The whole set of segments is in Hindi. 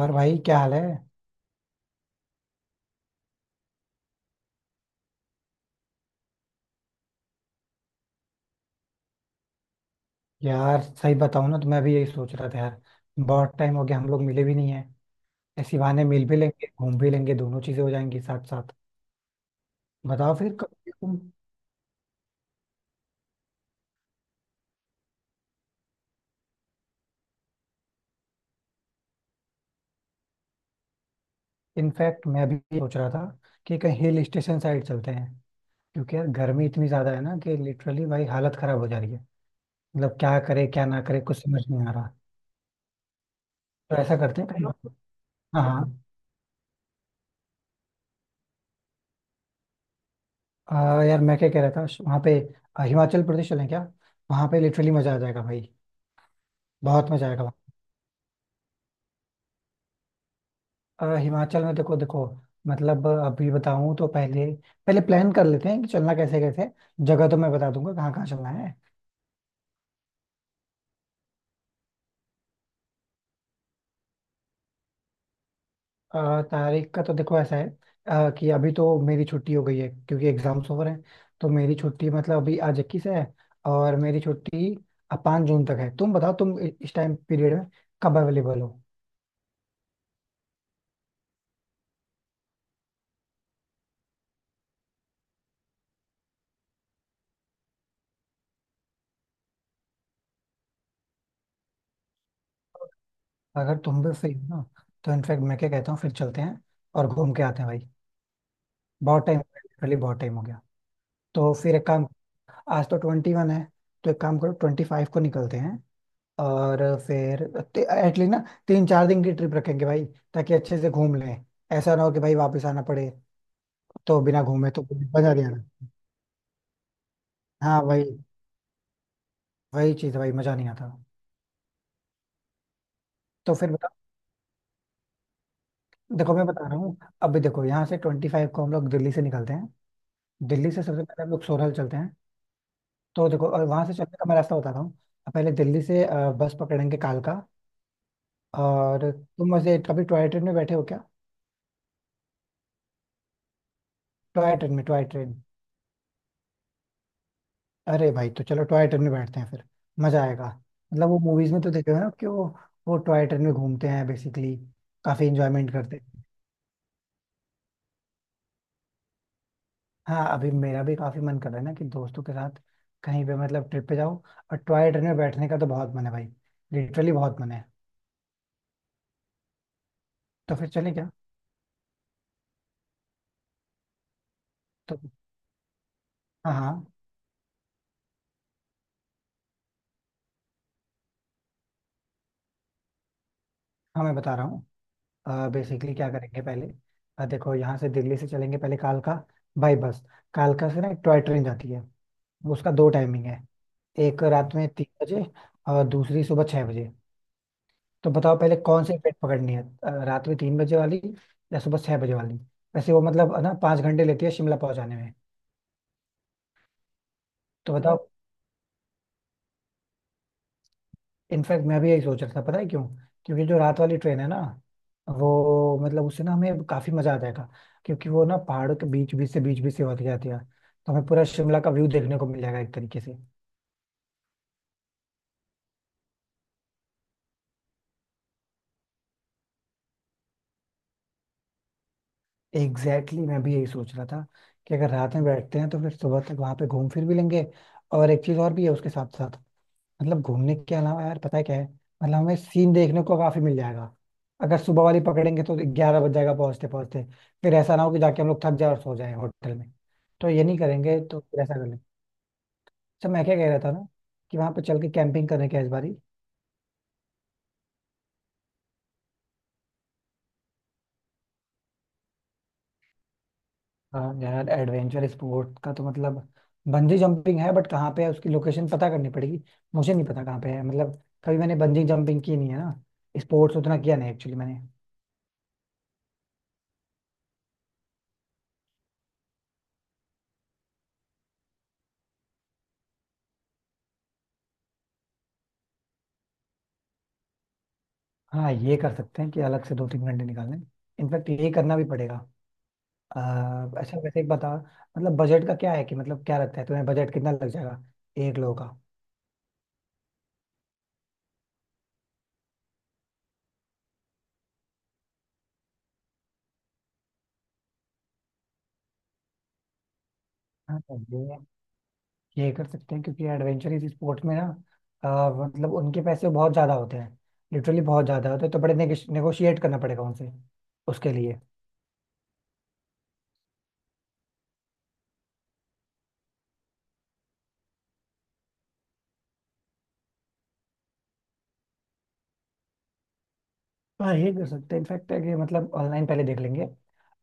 और भाई क्या हाल है। यार सही बताऊं ना तो मैं भी यही सोच रहा था यार। बहुत टाइम हो गया, हम लोग मिले भी नहीं है। ऐसी बहाने मिल भी लेंगे, घूम भी लेंगे, दोनों चीजें हो जाएंगी साथ साथ। बताओ फिर कब तुम। इनफैक्ट मैं भी सोच रहा था कि कहीं हिल स्टेशन साइड चलते हैं, क्योंकि यार गर्मी इतनी ज्यादा है ना कि लिटरली भाई हालत खराब हो जा रही है। मतलब क्या करे क्या ना करे कुछ समझ नहीं आ रहा। तो ऐसा करते हैं कहीं। हाँ हाँ। यार मैं क्या कह रहा था वहाँ पे। हिमाचल प्रदेश चलें क्या। वहाँ पे लिटरली मजा आ जाएगा भाई। बहुत मजा आएगा। हिमाचल में देखो देखो। मतलब अभी बताऊं तो पहले पहले प्लान कर लेते हैं कि चलना कैसे कैसे। जगह तो मैं बता दूंगा कहाँ कहाँ चलना है। तारीख का तो देखो ऐसा है। कि अभी तो मेरी छुट्टी हो गई है, क्योंकि एग्जाम्स ओवर हैं। तो मेरी छुट्टी मतलब अभी आज 21 है, और मेरी छुट्टी 5 जून तक है। तुम बताओ तुम इस टाइम पीरियड में कब अवेलेबल हो। अगर तुम भी फ्री हो ना तो इनफैक्ट मैं क्या कहता हूँ फिर चलते हैं और घूम के आते हैं भाई। बहुत टाइम, लिटरली बहुत टाइम हो गया। तो फिर एक काम। आज तो 21 है, तो एक काम करो 25 को निकलते हैं। और फिर एटलीस्ट ना 3-4 दिन की ट्रिप रखेंगे भाई, ताकि अच्छे से घूम लें। ऐसा ना हो कि भाई वापस आना पड़े। तो बिना घूमे तो मजा नहीं आ रहा। हाँ, वही वही चीज भाई मजा नहीं आता। तो फिर बताओ। देखो मैं बता रहा हूँ। अभी देखो यहाँ से 25 को हम लोग दिल्ली से निकलते हैं। दिल्ली से सबसे पहले हम लोग सोरल चलते हैं। तो देखो और वहां से चलने का मैं रास्ता बता रहा हूँ। पहले दिल्ली से बस पकड़ेंगे कालका। और तुम वैसे कभी टॉय ट्रेन में बैठे हो क्या। टॉय ट्रेन में, टॉय ट्रेन। अरे भाई तो चलो टॉय ट्रेन में बैठते हैं फिर। मजा आएगा। मतलब वो मूवीज में तो देखे हो ना कि वो टॉय ट्रेन में घूमते हैं, बेसिकली। काफी इंजॉयमेंट करते हैं। हाँ अभी मेरा भी काफी मन कर रहा है ना कि दोस्तों के साथ कहीं पे मतलब ट्रिप पे जाओ। और टॉय ट्रेन में बैठने का तो बहुत मन है भाई, लिटरली बहुत मन है। तो फिर चलें क्या। तो हाँ हाँ। हाँ मैं बता रहा हूँ। बेसिकली क्या करेंगे पहले। देखो यहाँ से दिल्ली से चलेंगे पहले कालका, बाई बस। कालका से ना एक टॉय ट्रेन जाती है। उसका 2 टाइमिंग है। एक रात में 3 बजे, और दूसरी सुबह 6 बजे। तो बताओ पहले कौन सी ट्रेन पकड़नी है, रात में 3 बजे वाली या सुबह 6 बजे वाली। वैसे वो मतलब है ना 5 घंटे लेती है शिमला पहुंचाने में। तो बताओ। इनफैक्ट मैं भी यही सोच रहा था, पता है क्यों। क्योंकि जो रात वाली ट्रेन है ना, वो मतलब उससे ना हमें काफी मजा आ जाएगा। क्योंकि वो ना पहाड़ों के बीच बीच से, बीच बीच से होती जाती है। तो हमें पूरा शिमला का व्यू देखने को मिल जाएगा एक तरीके से। एग्जैक्टली exactly, मैं भी यही सोच रहा था कि अगर रात में बैठते हैं तो फिर सुबह तक वहां पे घूम फिर भी लेंगे। और एक चीज और भी है उसके साथ साथ। मतलब घूमने के अलावा यार पता है क्या है, मतलब हमें सीन देखने को काफी मिल जाएगा। अगर सुबह वाली पकड़ेंगे तो 11 बज जाएगा पहुंचते पहुंचते। फिर ऐसा ना हो कि जाके हम लोग थक जाए और सो जाए होटल में। तो ये नहीं करेंगे, तो फिर ऐसा कर लेंगे। अच्छा मैं क्या कह रहा था ना, कि वहां पे चल के कैंपिंग करने का इस बारी। हाँ यार एडवेंचर स्पोर्ट का तो मतलब बंजी जंपिंग है, बट कहाँ पे है उसकी लोकेशन पता करनी पड़ेगी। मुझे नहीं पता कहाँ पे है, मतलब कभी मैंने बंजी जंपिंग की नहीं है ना, स्पोर्ट्स उतना किया नहीं एक्चुअली मैंने। हाँ ये कर सकते हैं कि अलग से 2-3 घंटे निकाल लें। इनफैक्ट ये करना भी पड़ेगा। अच्छा वैसे एक बता, मतलब बजट का क्या है, कि मतलब क्या लगता है तुम्हें बजट कितना लग जाएगा एक लोगों का। हाँ तो ये कर सकते हैं, क्योंकि एडवेंचर इस स्पोर्ट में ना मतलब उनके पैसे बहुत ज्यादा होते हैं, लिटरली बहुत ज्यादा होते हैं। तो बड़े नेगोशिएट करना पड़ेगा उनसे उसके लिए। हाँ ये कर सकते हैं इनफैक्ट है, कि मतलब ऑनलाइन पहले देख लेंगे।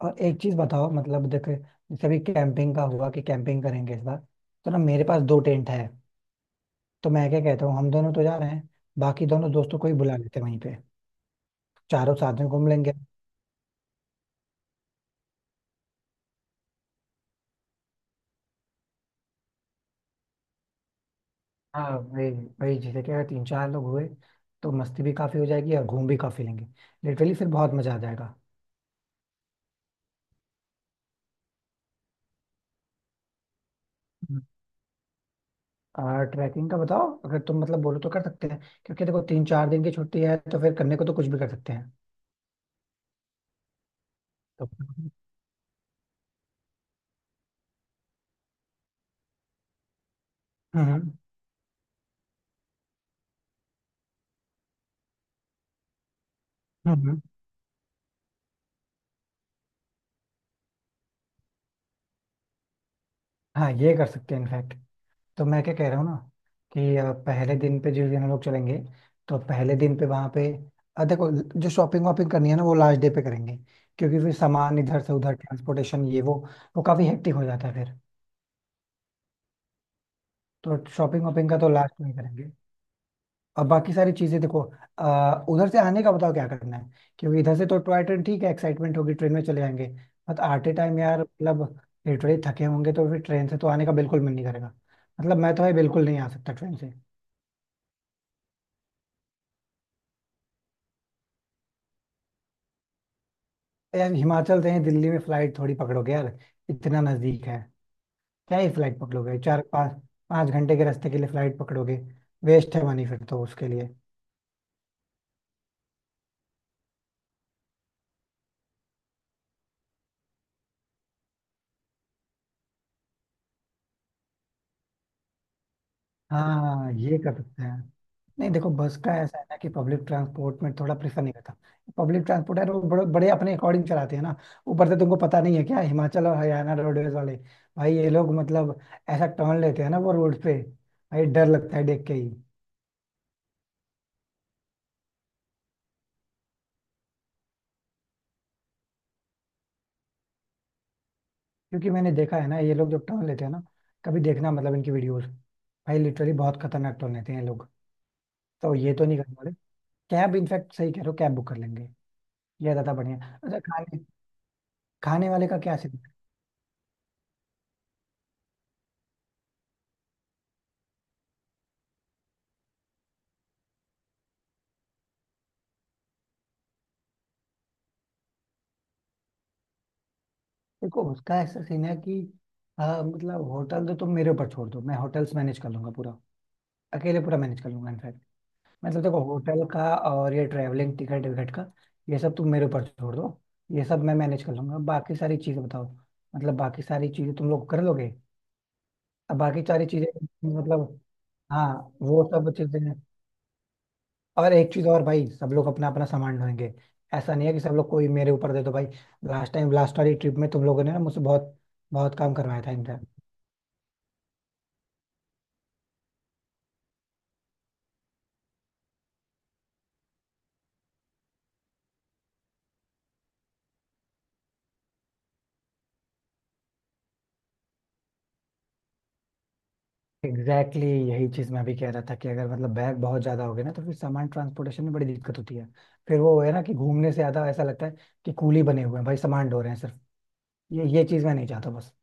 और एक चीज बताओ मतलब देख, जैसे अभी कैंपिंग का हुआ कि कैंपिंग करेंगे इस बार, तो ना मेरे पास 2 टेंट है। तो मैं क्या कहता हूँ हम दोनों तो जा रहे हैं, बाकी दोनों दोस्तों को ही बुला लेते हैं वहीं पे। चारों साथ में घूम लेंगे। हाँ वही वही, जैसे कि अगर 3-4 लोग हुए तो मस्ती भी काफी हो जाएगी और घूम भी काफी लेंगे। लिटरली फिर बहुत मजा आ जाएगा। हम्म। और ट्रैकिंग का बताओ, अगर तुम मतलब बोलो तो कर सकते हैं। क्योंकि देखो 3-4 दिन की छुट्टी है, तो फिर करने को तो कुछ भी कर सकते हैं। तो हम्म। हम्म हाँ ये कर सकते हैं इनफैक्ट। तो मैं क्या कह रहा हूँ ना कि पहले दिन पे जिस दिन हम लोग चलेंगे, तो पहले दिन पे वहां पे देखो, जो शॉपिंग वॉपिंग करनी है ना वो लास्ट डे पे करेंगे। क्योंकि फिर सामान इधर से उधर ट्रांसपोर्टेशन ये वो काफी हेक्टिक हो जाता है फिर। तो शॉपिंग वॉपिंग का तो लास्ट में ही करेंगे। और बाकी सारी चीजें देखो, उधर से आने का बताओ क्या करना है। क्योंकि इधर से तो टॉय ट्रेन ठीक है, एक्साइटमेंट होगी, ट्रेन में चले जाएंगे। बट आते टाइम यार मतलब लिटरली थके होंगे तो फिर ट्रेन से तो आने का बिल्कुल मन नहीं करेगा। मतलब मैं तो है बिल्कुल नहीं आ सकता ट्रेन से। यार हिमाचल से ही दिल्ली में फ्लाइट थोड़ी पकड़ोगे यार, इतना नजदीक है। क्या ही फ्लाइट पकड़ोगे, 4-5, 5 घंटे के रास्ते के लिए फ्लाइट पकड़ोगे। वेस्ट है मनी फिर तो उसके लिए। हाँ ये कर सकते हैं। नहीं देखो बस का ऐसा है ना कि पब्लिक ट्रांसपोर्ट में थोड़ा प्रेफर नहीं करता। पब्लिक ट्रांसपोर्ट है, वो बड़े बड़े अपने अकॉर्डिंग चलाते हैं ना। ऊपर से तुमको पता नहीं है क्या, हिमाचल और हरियाणा रोडवेज वाले भाई ये लोग मतलब ऐसा टर्न लेते हैं ना वो रोड पे, भाई डर लगता है देख के ही। क्योंकि मैंने देखा है ना ये लोग जो टर्न लेते हैं ना, कभी देखना मतलब इनकी वीडियोस, भाई लिटरली बहुत खतरनाक टर्न लेते हैं ये लोग। तो ये तो नहीं करने वाले। कैब इनफैक्ट सही कह रहे हो, कैब बुक कर लेंगे। ये ज्यादा बढ़िया। अच्छा खाने, खाने वाले का क्या। देखो उसका ऐसा सीन है कि, हाँ मतलब होटल तो तुम मेरे ऊपर छोड़ दो, मैं होटल्स मैनेज कर लूंगा पूरा। अकेले पूरा मैनेज कर लूंगा इनफैक्ट। मतलब देखो होटल का और ये ट्रैवलिंग टिकट विकट का, ये सब तुम मेरे ऊपर छोड़ दो। ये सब मैं मैनेज कर लूंगा, बाकी सारी चीजें बताओ, मतलब बाकी सारी चीजें तुम लोग कर लोगे। अब बाकी सारी चीजें मतलब। हाँ वो सब चीजें। और एक चीज और भाई, सब लोग अपना अपना सामान ढोएंगे। ऐसा नहीं है कि सब लोग कोई मेरे ऊपर दे दो भाई। लास्ट टाइम, लास्ट वाली ट्रिप में तुम लोगों ने ना मुझसे बहुत बहुत काम करवाया था इनका। एग्जैक्टली exactly यही चीज मैं भी कह रहा था, कि अगर मतलब बैग बहुत ज्यादा हो गया ना तो फिर सामान ट्रांसपोर्टेशन में बड़ी दिक्कत होती है। फिर वो है ना कि घूमने से ज्यादा ऐसा लगता है कि कूली बने हुए हैं भाई, सामान ढो रहे हैं सिर्फ। ये चीज मैं नहीं चाहता बस।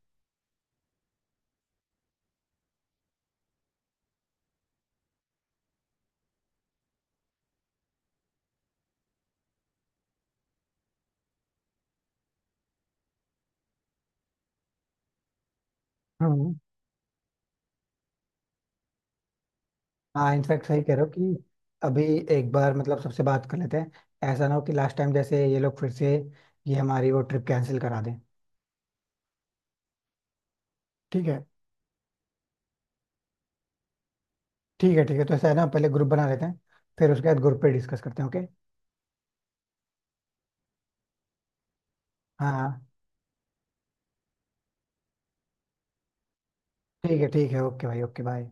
हाँ, हाँ इनफैक्ट सही कह रहे हो कि अभी एक बार मतलब सबसे बात कर लेते हैं। ऐसा ना हो कि लास्ट टाइम जैसे ये लोग फिर से ये हमारी वो ट्रिप कैंसिल करा दें। ठीक है। ठीक है ठीक है, तो ऐसा है ना पहले ग्रुप बना लेते हैं, फिर उसके बाद ग्रुप पे डिस्कस करते हैं। ओके। हाँ हाँ, ठीक है ठीक है, ओके भाई ओके बाय।